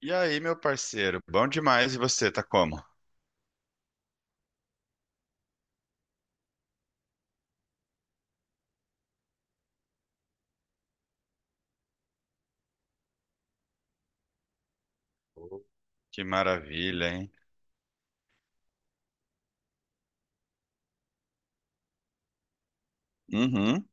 E aí, meu parceiro? Bom demais. E você, tá como? Pô, que maravilha, hein? Uhum,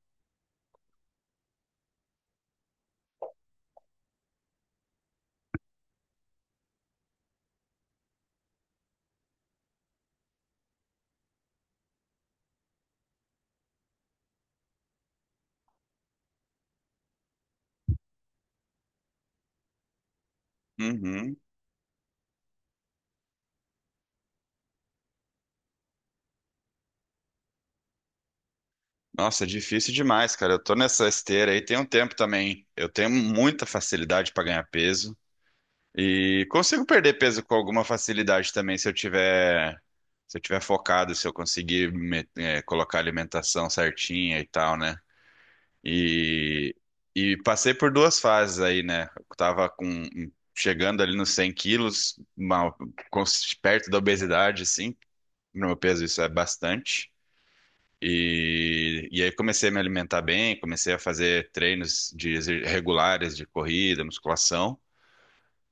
uhum. Nossa, é difícil demais, cara. Eu tô nessa esteira aí tem um tempo também. Eu tenho muita facilidade pra ganhar peso e consigo perder peso com alguma facilidade também se eu tiver focado, se eu conseguir colocar a alimentação certinha e tal, né? E, e passei por duas fases aí, né? Eu tava chegando ali nos 100 quilos, com- perto da obesidade, assim. No meu peso isso é bastante. E aí comecei a me alimentar bem, comecei a fazer treinos regulares de corrida, musculação.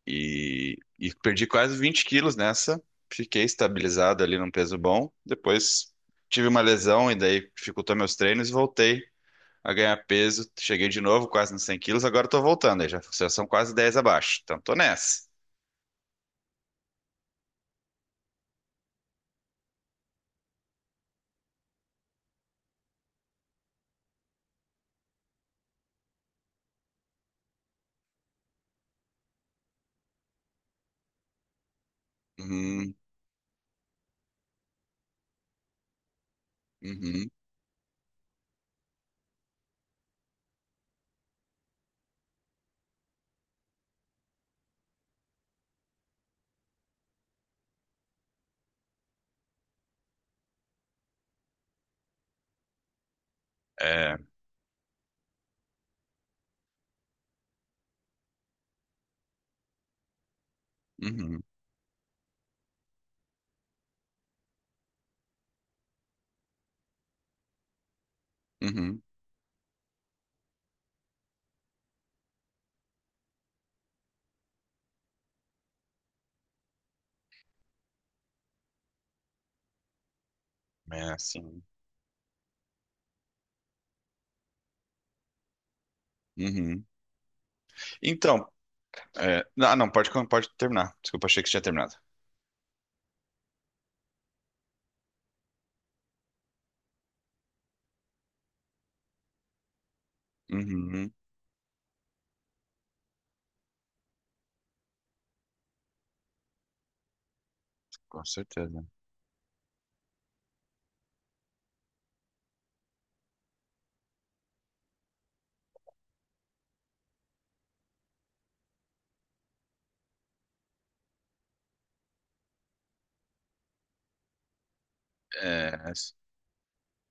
E perdi quase 20 quilos nessa. Fiquei estabilizado ali num peso bom. Depois tive uma lesão e daí dificultou meus treinos e voltei a ganhar peso. Cheguei de novo, quase nos 100 quilos, agora tô voltando, aí já são quase 10 abaixo. Então tô nessa. Uhum, uhum, é, uhum, uhum, é assim. Uhum. Então, é, não, não, pode terminar. Desculpa, achei que você tinha terminado. Uhum, com certeza. É,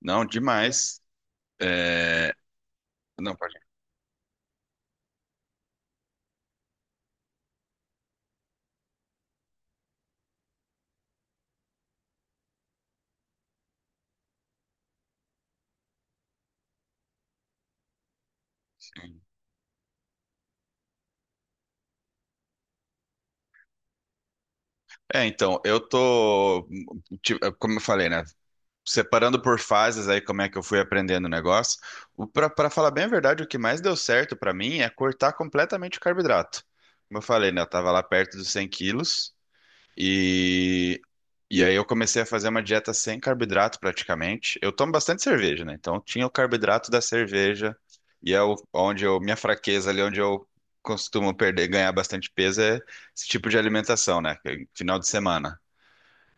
não, demais. É, não, pode. É, então, eu tô, tipo, como eu falei, né? Separando por fases aí como é que eu fui aprendendo o negócio, pra falar bem a verdade, o que mais deu certo pra mim é cortar completamente o carboidrato. Como eu falei, né, eu tava lá perto dos 100 quilos e, e aí eu comecei a fazer uma dieta sem carboidrato praticamente. Eu tomo bastante cerveja, né, então tinha o carboidrato da cerveja e onde eu, minha fraqueza ali, onde eu costumo perder, ganhar bastante peso é esse tipo de alimentação, né, que é final de semana.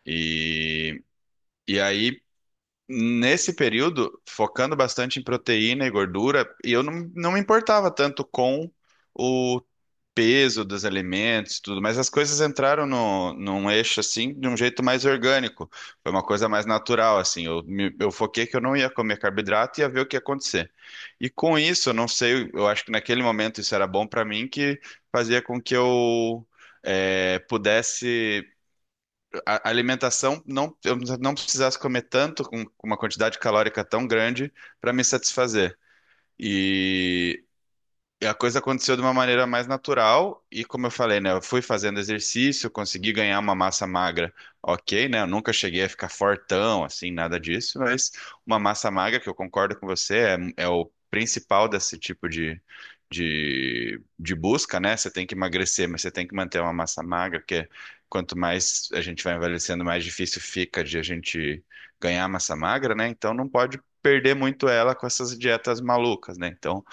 E, e aí nesse período, focando bastante em proteína e gordura, e eu não, não me importava tanto com o peso dos alimentos e tudo, mas as coisas entraram no, num eixo assim de um jeito mais orgânico. Foi uma coisa mais natural, assim. Eu foquei que eu não ia comer carboidrato e ia ver o que ia acontecer. E com isso, eu não sei, eu acho que naquele momento isso era bom para mim, que fazia com que eu pudesse a alimentação não, eu não precisasse comer tanto, com uma quantidade calórica tão grande, para me satisfazer. E e a coisa aconteceu de uma maneira mais natural e como eu falei, né, eu fui fazendo exercício, consegui ganhar uma massa magra, ok, né, eu nunca cheguei a ficar fortão, assim, nada disso, mas uma massa magra, que eu concordo com você, é, é o principal desse tipo de busca, né, você tem que emagrecer, mas você tem que manter uma massa magra, porque quanto mais a gente vai envelhecendo, mais difícil fica de a gente ganhar massa magra, né, então não pode perder muito ela com essas dietas malucas, né, então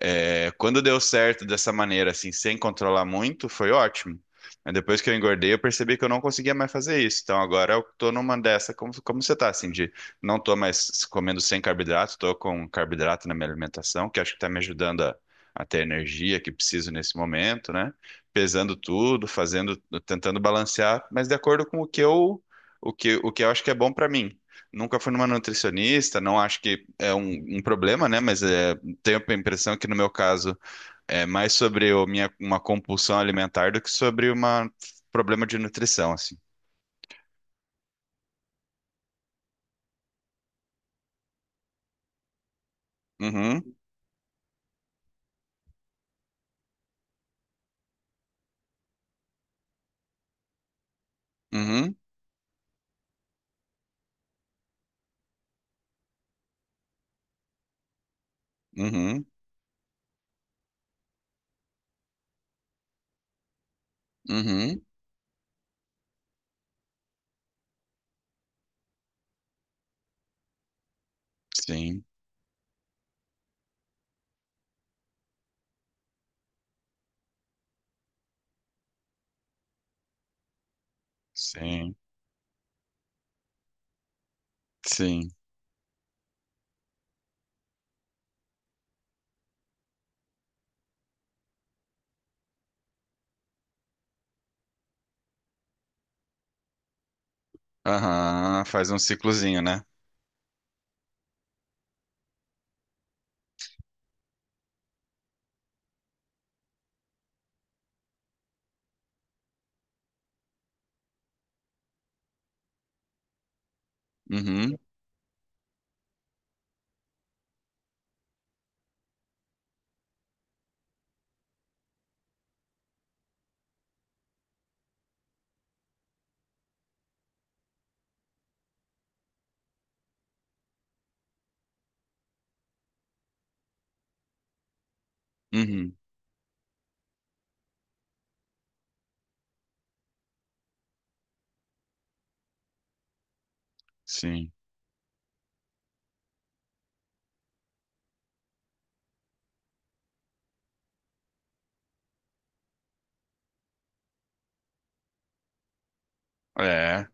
é, quando deu certo dessa maneira, assim, sem controlar muito, foi ótimo. Mas depois que eu engordei, eu percebi que eu não conseguia mais fazer isso. Então agora eu tô numa dessa, como, como você tá, assim, de não tô mais comendo sem carboidrato, tô com carboidrato na minha alimentação, que acho que tá me ajudando a ter a energia que preciso nesse momento, né? Pesando tudo, fazendo, tentando balancear, mas de acordo com o que eu acho que é bom pra mim. Nunca fui numa nutricionista, não acho que é um, um problema, né? Mas é, tenho a impressão que no meu caso é mais sobre o minha, uma compulsão alimentar do que sobre um problema de nutrição, assim. Uhum, uhum, uhum, uhum. Sim, sim, sim. Aham, faz um ciclozinho, né? Uhum, uhum, sim. É,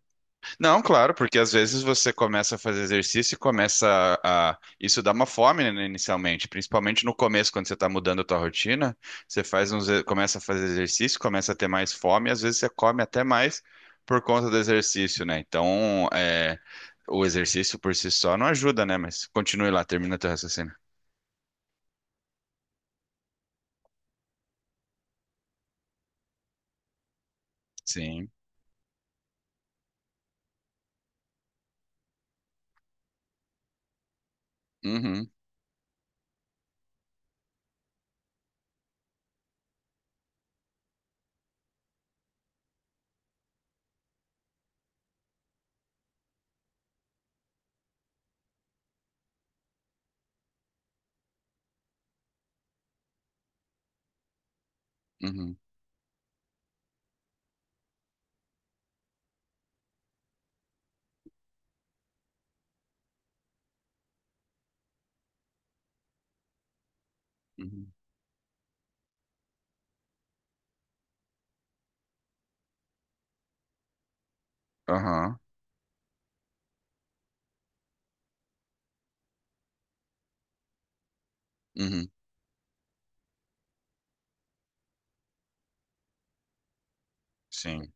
não, claro, porque às vezes você começa a fazer exercício e começa isso dá uma fome, né, inicialmente, principalmente no começo, quando você está mudando a tua rotina, você faz começa a fazer exercício, começa a ter mais fome, e às vezes você come até mais por conta do exercício, né? Então, é, o exercício por si só não ajuda, né? Mas continue lá, termina teu raciocínio. Sim. Uhum, uhum, uhum. Aham, uhum, sim.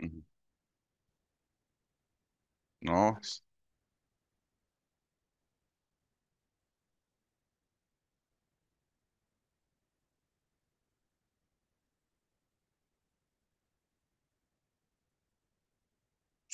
Uhum. Nossa.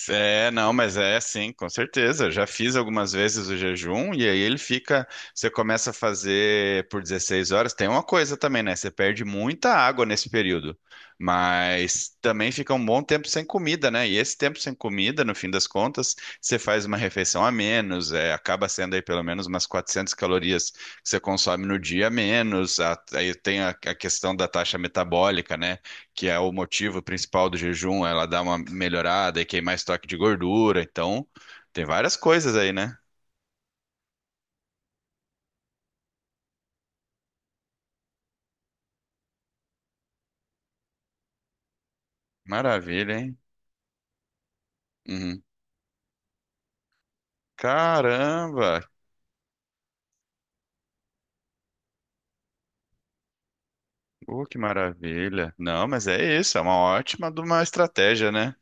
É, não, mas é sim, com certeza. Já fiz algumas vezes o jejum e aí ele fica. Você começa a fazer por 16 horas. Tem uma coisa também, né? Você perde muita água nesse período, mas também fica um bom tempo sem comida, né? E esse tempo sem comida, no fim das contas, você faz uma refeição a menos, é, acaba sendo aí pelo menos umas 400 calorias que você consome no dia a menos. Aí tem a questão da taxa metabólica, né? Que é o motivo principal do jejum, ela dá uma melhorada e queima estoque de gordura. Então, tem várias coisas aí, né? Maravilha, hein? Uhum. Caramba! Que maravilha! Não, mas é isso, é uma ótima de uma estratégia, né?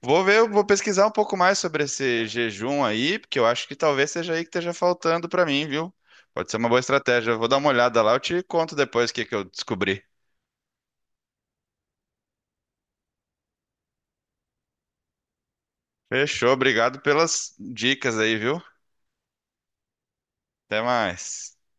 Vou ver, eu vou pesquisar um pouco mais sobre esse jejum aí, porque eu acho que talvez seja aí que esteja faltando pra mim, viu? Pode ser uma boa estratégia. Eu vou dar uma olhada lá, eu te conto depois o que que eu descobri. Fechou, obrigado pelas dicas aí, viu? Até mais.